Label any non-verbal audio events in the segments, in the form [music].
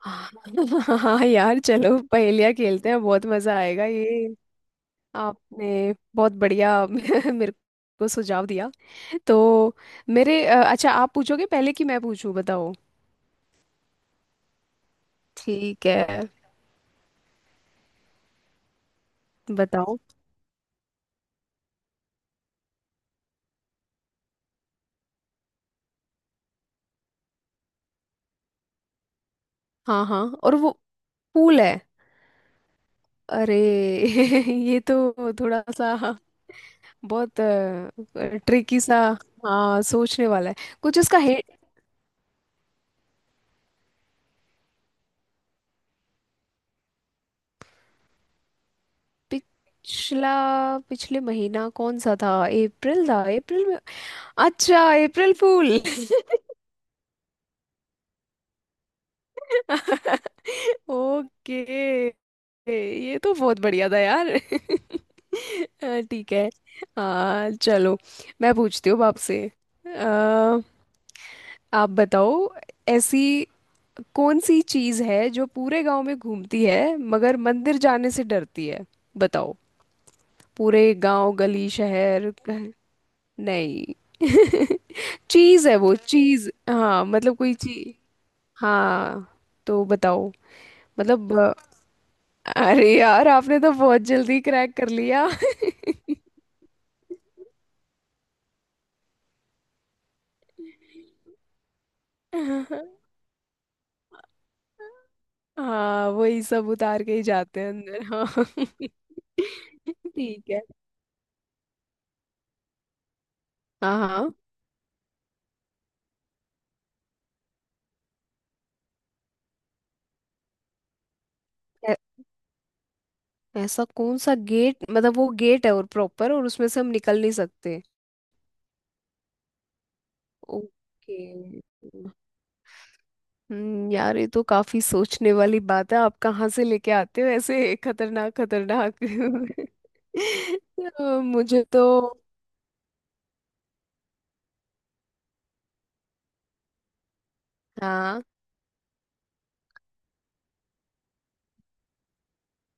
हाँ हाँ यार चलो पहेलियाँ खेलते हैं बहुत मजा आएगा ये। आपने बहुत बढ़िया [laughs] मेरे को सुझाव दिया। तो मेरे अच्छा आप पूछोगे पहले कि मैं पूछूं। बताओ। ठीक है। बताओ। हाँ हाँ और वो फूल है। अरे [laughs] ये तो थोड़ा सा बहुत ट्रिकी सा। हाँ सोचने वाला है। कुछ उसका पिछला पिछले महीना कौन सा था, अप्रैल था। अप्रैल में अच्छा अप्रैल फूल। [laughs] ओके। ये तो बहुत बढ़िया था यार [laughs] ठीक है। हाँ चलो, मैं पूछती हूँ अब आपसे। अ, आप बताओ। ऐसी कौन सी चीज़ है जो पूरे गांव में घूमती है मगर मंदिर जाने से डरती है। बताओ। पूरे गांव गली शहर। नहीं [laughs] चीज है वो, अच्छा चीज हाँ, मतलब कोई चीज। हाँ तो बताओ। मतलब अरे यार, आपने तो बहुत जल्दी क्रैक कर लिया। [laughs] हाँ वही सब उतार के ही जाते हैं अंदर। हाँ [laughs] ठीक है। हाँ हाँ ऐ- ऐसा कौन सा गेट, मतलब वो गेट है और प्रॉपर, और उसमें से हम निकल नहीं सकते। ओके हम्म, यार ये तो काफी सोचने वाली बात है। आप कहाँ से लेके आते हो ऐसे खतरनाक खतरनाक [laughs] तो मुझे तो हाँ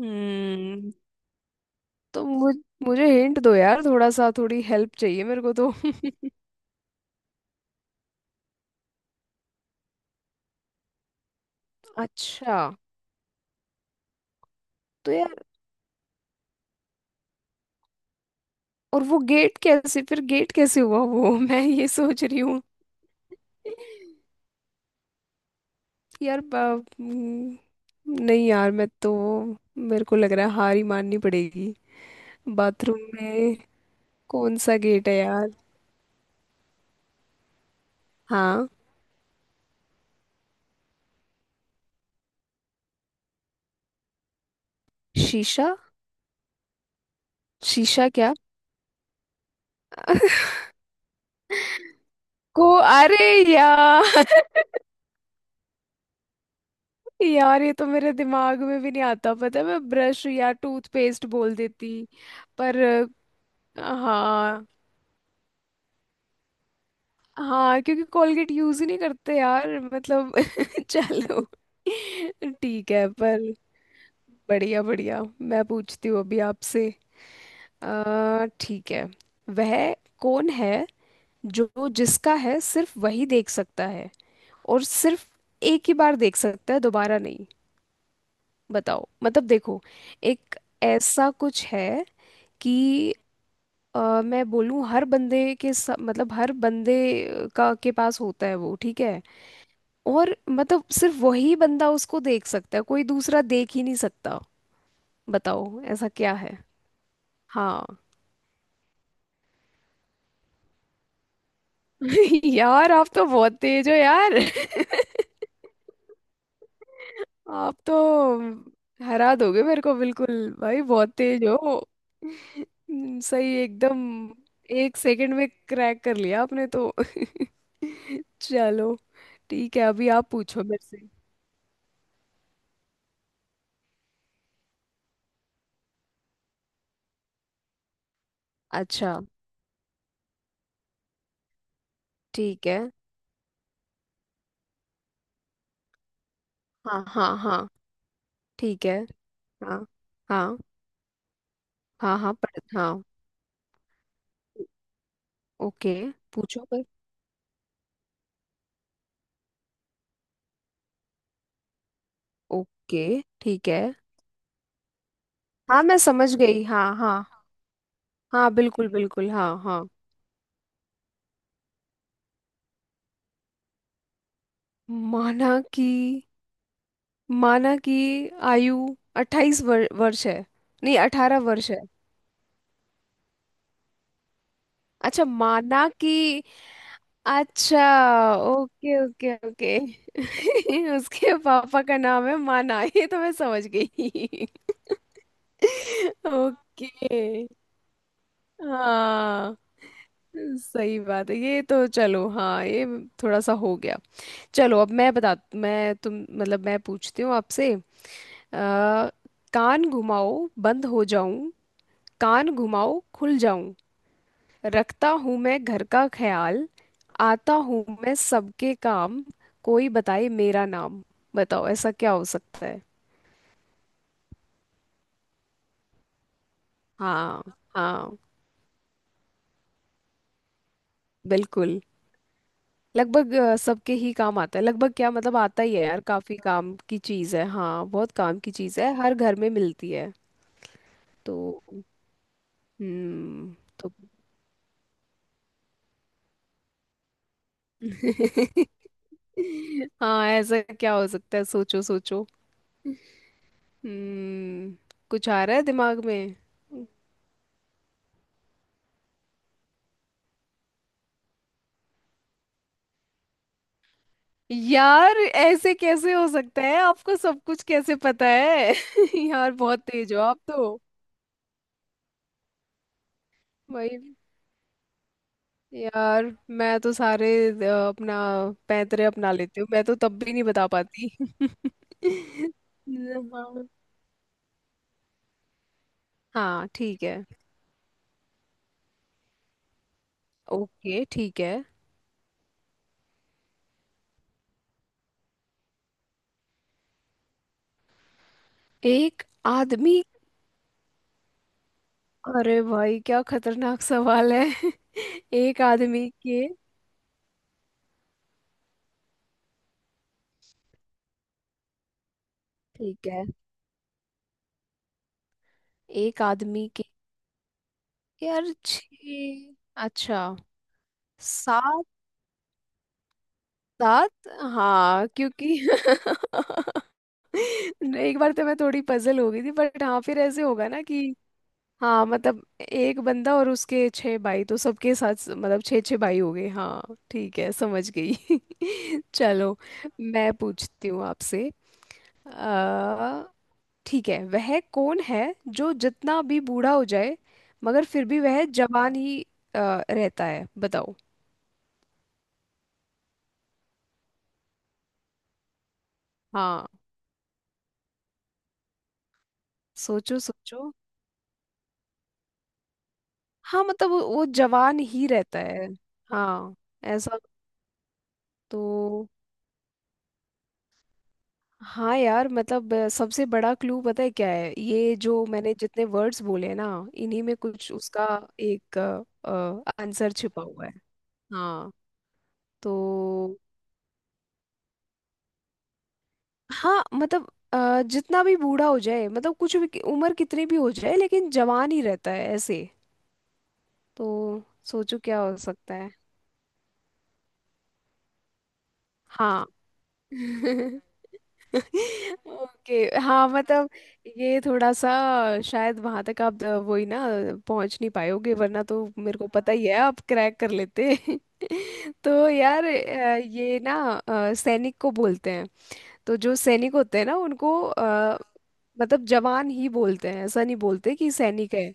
हम्म। तो मुझे हिंट दो यार थोड़ा सा, थोड़ी हेल्प चाहिए मेरे को तो [laughs] अच्छा। तो यार और वो गेट कैसे, फिर गेट कैसे हुआ वो [laughs] मैं ये सोच रही हूँ। यार बा- हम्म, नहीं यार मैं तो मेरे को लग रहा है हार ही माननी पड़ेगी। बाथरूम में कौन सा गेट है यार। हाँ शीशा। शीशा क्या। को अरे यार [laughs] यार ये तो मेरे दिमाग में भी नहीं आता, पता है, मैं ब्रश या टूथपेस्ट बोल देती। पर हाँ हाँ, क्योंकि कोलगेट यूज ही नहीं करते यार मतलब। [laughs] चलो ठीक है, पर बढ़िया बढ़िया। मैं पूछती हूँ अभी आपसे। ठीक है, वह कौन है जो जिसका है सिर्फ वही देख सकता है, और सिर्फ एक ही बार देख सकता है, दोबारा नहीं। बताओ, मतलब देखो, एक ऐसा कुछ है कि मैं बोलूँ हर बंदे मतलब हर बंदे का के पास होता है वो। ठीक है, और मतलब सिर्फ वही बंदा उसको देख सकता है, कोई दूसरा देख ही नहीं सकता। बताओ ऐसा क्या है। हाँ [laughs] यार आप तो बहुत तेज हो यार। आप तो हरा दोगे मेरे को बिल्कुल भाई, बहुत तेज हो। सही एकदम। एक सेकंड में क्रैक कर लिया आपने तो [laughs] चलो ठीक है। अभी आप पूछो मेरे से। अच्छा ठीक है, हाँ हाँ हाँ, ठीक है, हाँ हाँ हाँ हाँ पढ़ हाँ, ओके पूछो पर, ओके ठीक है। हाँ मैं समझ गई, हाँ हाँ, हाँ बिल्कुल बिल्कुल, हाँ हाँ। माना कि, माना कि आयु अट्ठाईस वर्ष है, नहीं अठारह वर्ष है। अच्छा माना कि, अच्छा ओके ओके ओके। [laughs] उसके पापा का नाम है माना। [laughs] ये तो मैं समझ गई। [laughs] ओके हाँ, सही बात है ये तो, चलो। हाँ ये थोड़ा सा हो गया। चलो अब मैं बता मैं तुम मतलब मैं पूछती हूँ आपसे। अ, कान घुमाओ बंद हो जाऊं। कान घुमाओ खुल जाऊं। रखता हूँ मैं घर का ख्याल। आता हूँ मैं सबके काम। कोई बताए मेरा नाम। बताओ ऐसा क्या हो सकता है। हाँ हाँ बिल्कुल, लगभग सबके ही काम आता है। लगभग क्या, मतलब आता ही है यार, काफी काम की चीज है। हाँ बहुत काम की चीज है, हर घर में मिलती है। तो हम्म तो [laughs] हाँ, ऐसा क्या हो सकता है, सोचो सोचो। हम्म, कुछ आ रहा है दिमाग में। यार ऐसे कैसे हो सकता है, आपको सब कुछ कैसे पता है [laughs] यार बहुत तेज हो आप तो भाई। यार मैं तो सारे अपना पैंतरे अपना लेती हूँ, मैं तो तब भी नहीं बता पाती [laughs] हाँ हाँ, ठीक है, ओके ठीक है, एक आदमी। अरे भाई क्या खतरनाक सवाल है [laughs] एक आदमी के। ठीक है, एक आदमी के, यार छः। अच्छा सात। साथ हाँ, क्योंकि [laughs] एक बार तो मैं थोड़ी पजल हो गई थी, बट हाँ फिर ऐसे होगा ना कि। हाँ मतलब एक बंदा और उसके छह भाई, तो सबके साथ मतलब छह छह भाई हो गए। हाँ ठीक है समझ गई [laughs] चलो। मैं पूछती हूँ आपसे। अ, ठीक है, वह कौन है जो जितना भी बूढ़ा हो जाए मगर फिर भी वह जवान ही अ, रहता है। बताओ। हाँ सोचो सोचो। हाँ मतलब वो जवान ही रहता है। हाँ ऐसा तो। हाँ यार मतलब सबसे बड़ा क्लू पता है क्या है, ये जो मैंने जितने वर्ड्स बोले हैं ना, इन्हीं में कुछ उसका एक आंसर छिपा हुआ है। हाँ तो हाँ मतलब जितना भी बूढ़ा हो जाए, मतलब कुछ भी, उम्र कितनी भी हो जाए लेकिन जवान ही रहता है ऐसे। तो सोचो क्या हो सकता है। हाँ ओके, हाँ मतलब ये थोड़ा सा शायद वहां तक आप वही ना पहुंच नहीं पाओगे, वरना तो मेरे को पता ही है आप क्रैक कर लेते। [laughs] तो यार ये ना सैनिक को बोलते हैं। तो जो सैनिक होते हैं ना उनको मतलब जवान ही बोलते हैं, ऐसा नहीं बोलते कि सैनिक है।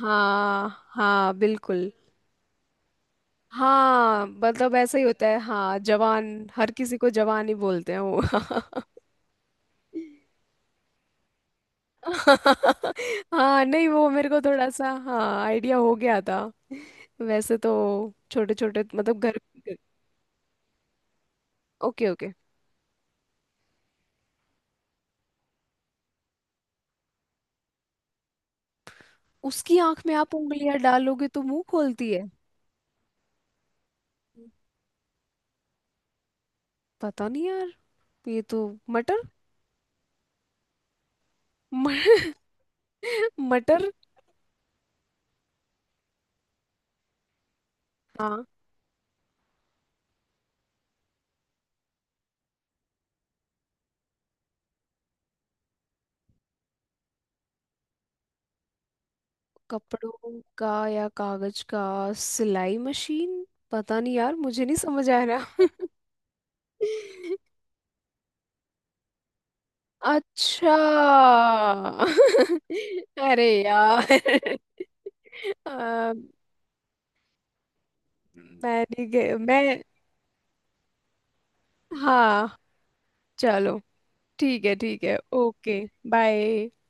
हाँ हाँ बिल्कुल, हाँ मतलब ऐसा ही होता है। हाँ जवान हर किसी को जवान ही बोलते हैं वो [laughs] [laughs] हाँ नहीं वो मेरे को थोड़ा सा हाँ आइडिया हो गया था वैसे तो। छोटे छोटे मतलब घर। Okay okay. उसकी आंख में आप उंगलियां डालोगे तो मुंह खोलती है। पता नहीं यार, ये तो मटर। म- [laughs] मटर। हाँ कपड़ों का या कागज का, सिलाई मशीन। पता नहीं यार, मुझे नहीं समझ आ रहा। [laughs] अच्छा [laughs] अरे यार [laughs] अ, मैं नहीं गई मैं। हाँ चलो, ठीक है ठीक है, ओके। बाय।